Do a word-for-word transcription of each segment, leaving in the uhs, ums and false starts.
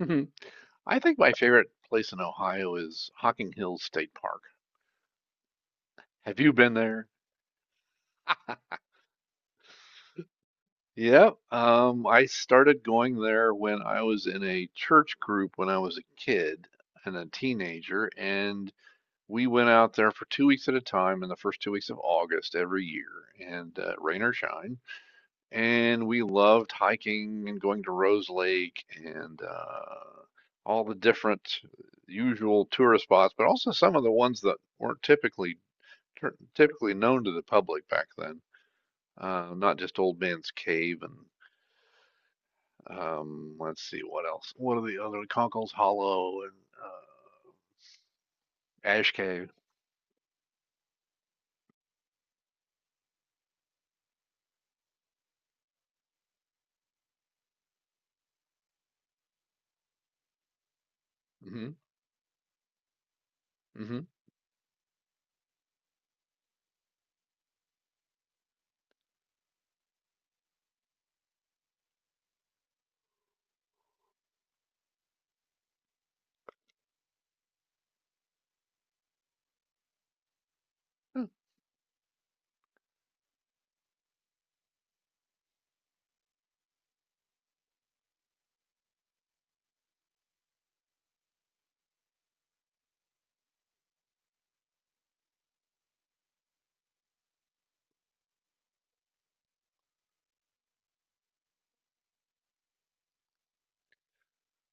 Mhm. I think my favorite place in Ohio is Hocking Hills State Park. Have you been there? Yep. Um, I started going there when I was in a church group when I was a kid and a teenager, and we went out there for two weeks at a time in the first two weeks of August every year, and uh, rain or shine. And we loved hiking and going to Rose Lake and uh, all the different usual tourist spots, but also some of the ones that weren't typically typically known to the public back then. Uh, not just Old Man's Cave and um, let's see what else. What are the other Conkle's Hollow and uh, Ash Cave? Hmm. Hmm.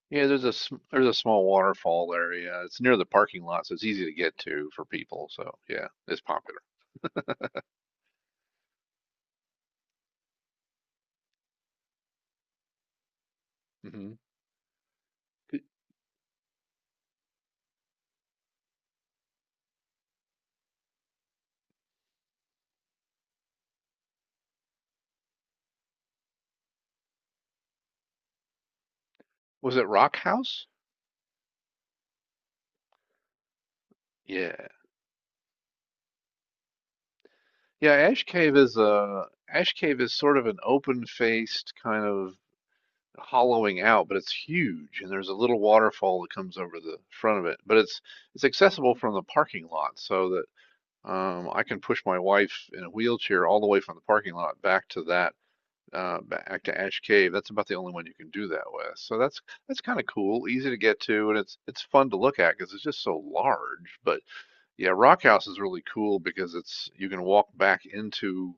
Yeah, there's a sm- there's a small waterfall there. Yeah, it's near the parking lot, so it's easy to get to for people. So yeah, it's popular. Hmm. Was it Rock House? Yeah, yeah. Ash Cave is a Ash Cave is sort of an open-faced kind of hollowing out, but it's huge, and there's a little waterfall that comes over the front of it. But it's it's accessible from the parking lot, so that um, I can push my wife in a wheelchair all the way from the parking lot back to that uh, back to Ash Cave. That's about the only one you can do that with. So that's that's kind of cool, easy to get to, and it's it's fun to look at because it's just so large. But yeah, Rock House is really cool because it's you can walk back into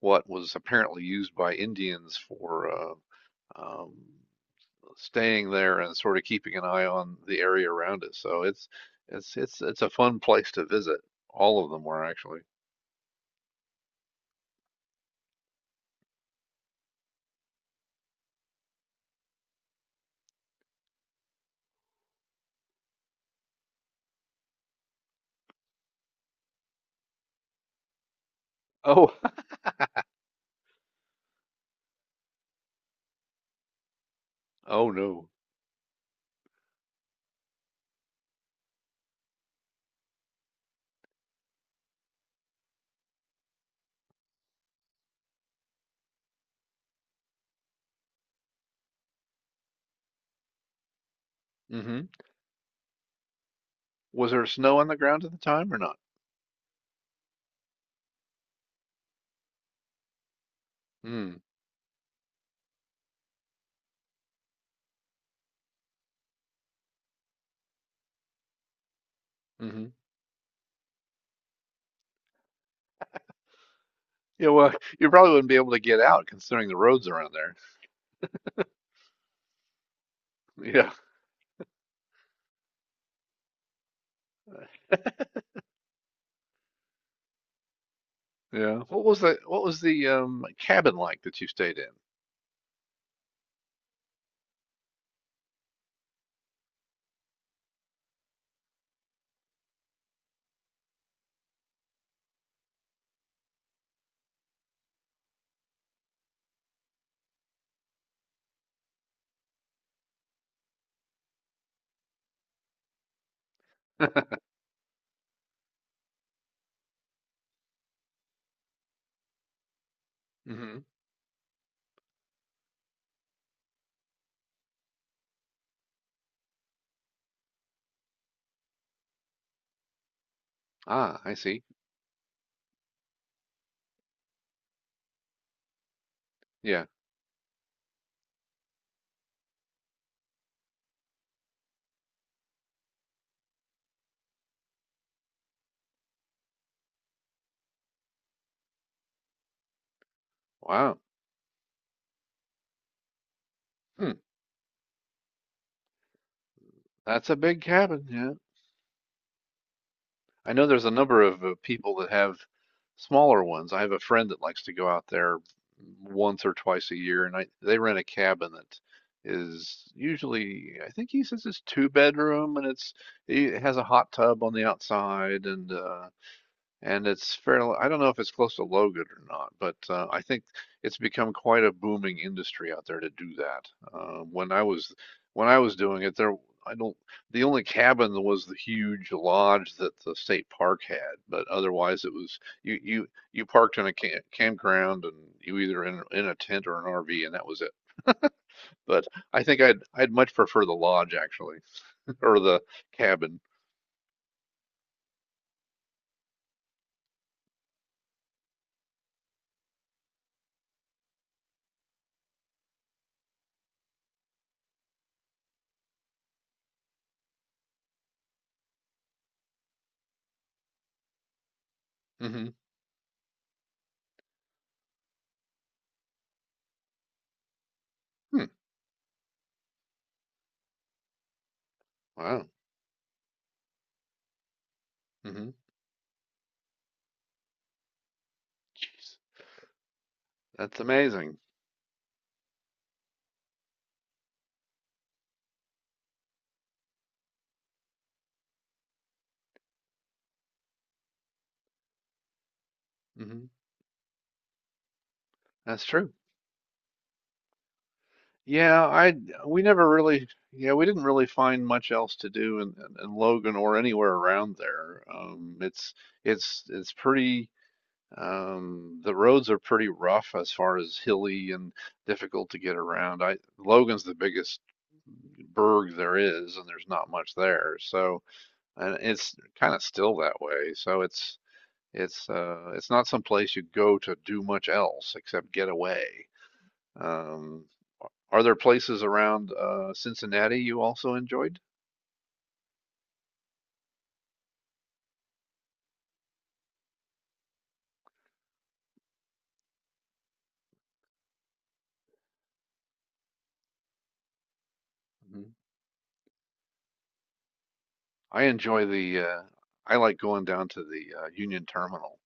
what was apparently used by Indians for uh, um, staying there and sort of keeping an eye on the area around it. So it's it's it's it's a fun place to visit. All of them were actually. Oh, oh no. Hmm. Was there snow on the ground at the time or not? Mm. Mm-hmm. Yeah, well, you probably wouldn't be able to get out considering the roads around there. Yeah, yeah. What was the what was the um cabin like that you stayed in? Hmm. Ah, I see. Yeah. Wow. Hmm. That's a big cabin. Yeah. I know there's a number of uh, people that have smaller ones. I have a friend that likes to go out there once or twice a year, and I they rent a cabin that is usually, I think he says it's two bedroom, and it's it has a hot tub on the outside, and uh, and it's fairly, I don't know if it's close to Logan or not, but uh, I think it's become quite a booming industry out there to do that. Uh, when I was when I was doing it, there I don't the only cabin was the huge lodge that the state park had, but otherwise it was you you you parked in a camp, campground and you either in in a tent or an R V and that was it. But I think I'd I'd much prefer the lodge actually or the cabin. Hmm. Hmm. Wow. Hmm. That's amazing. Hmm. That's true. Yeah, I we never really yeah, we didn't really find much else to do in, in, in Logan or anywhere around there. Um, it's it's it's pretty um, the roads are pretty rough as far as hilly and difficult to get around. I Logan's the biggest burg there is, and there's not much there. So and it's kind of still that way. So it's it's uh it's not some place you go to do much else except get away. Um, Are there places around uh, Cincinnati you also enjoyed? Mhm. I enjoy the uh, I like going down to the uh, Union Terminal.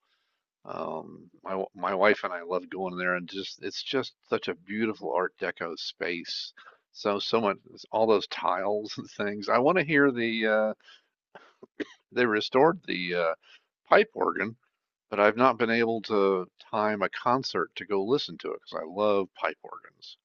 Um, my w- my wife and I love going there, and just it's just such a beautiful Art Deco space. So so much all those tiles and things. I want to hear the uh, they restored the uh, pipe organ, but I've not been able to time a concert to go listen to it because I love pipe organs.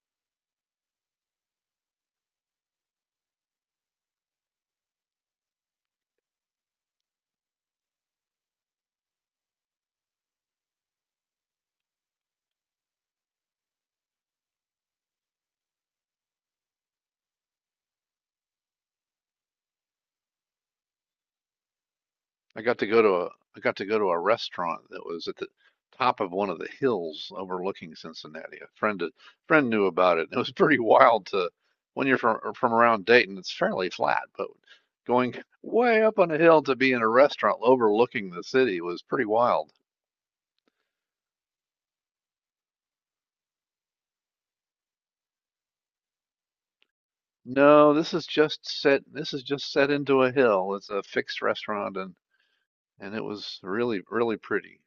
I got to go to a I got to go to a restaurant that was at the top of one of the hills overlooking Cincinnati. A friend a friend knew about it. It was pretty wild to when you're from from around Dayton, it's fairly flat, but going way up on a hill to be in a restaurant overlooking the city was pretty wild. No, this is just set this is just set into a hill. It's a fixed restaurant and and it was really really pretty.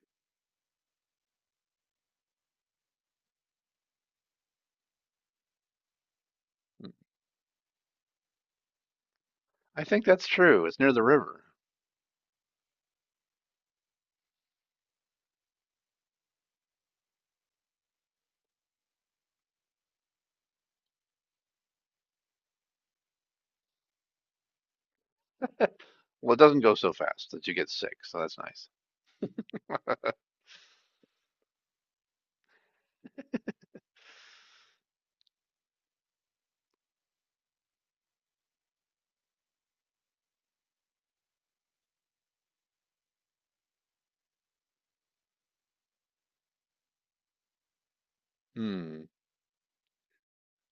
I think that's true. It's near the river. Well, it doesn't go so fast that you get sick, so that's nice. Hmm.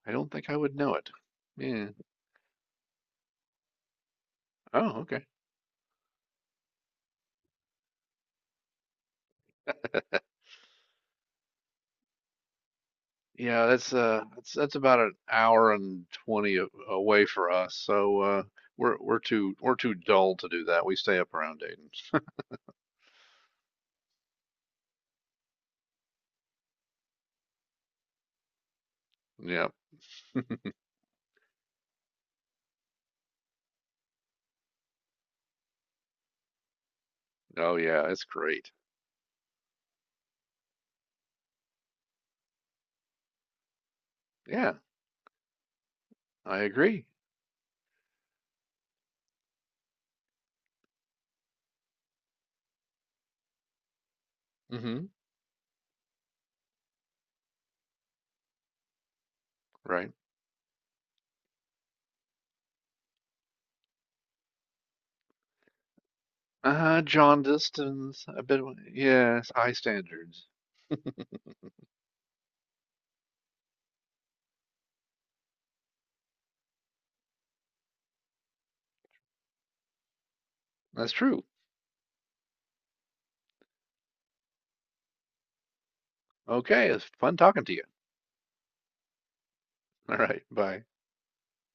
I don't think I would know it. Yeah. Oh, okay. Yeah, that's uh, that's that's about an hour and twenty a- away for us. So uh, we're we're too we're too dull to do that. We stay up around Dayton. Yeah. Oh, yeah. It's great. Yeah, I agree. Mm-hmm. Right. Uh, John Distance. A bit. Yes, high standards. That's true. Okay, it's fun talking to you. All right. Bye.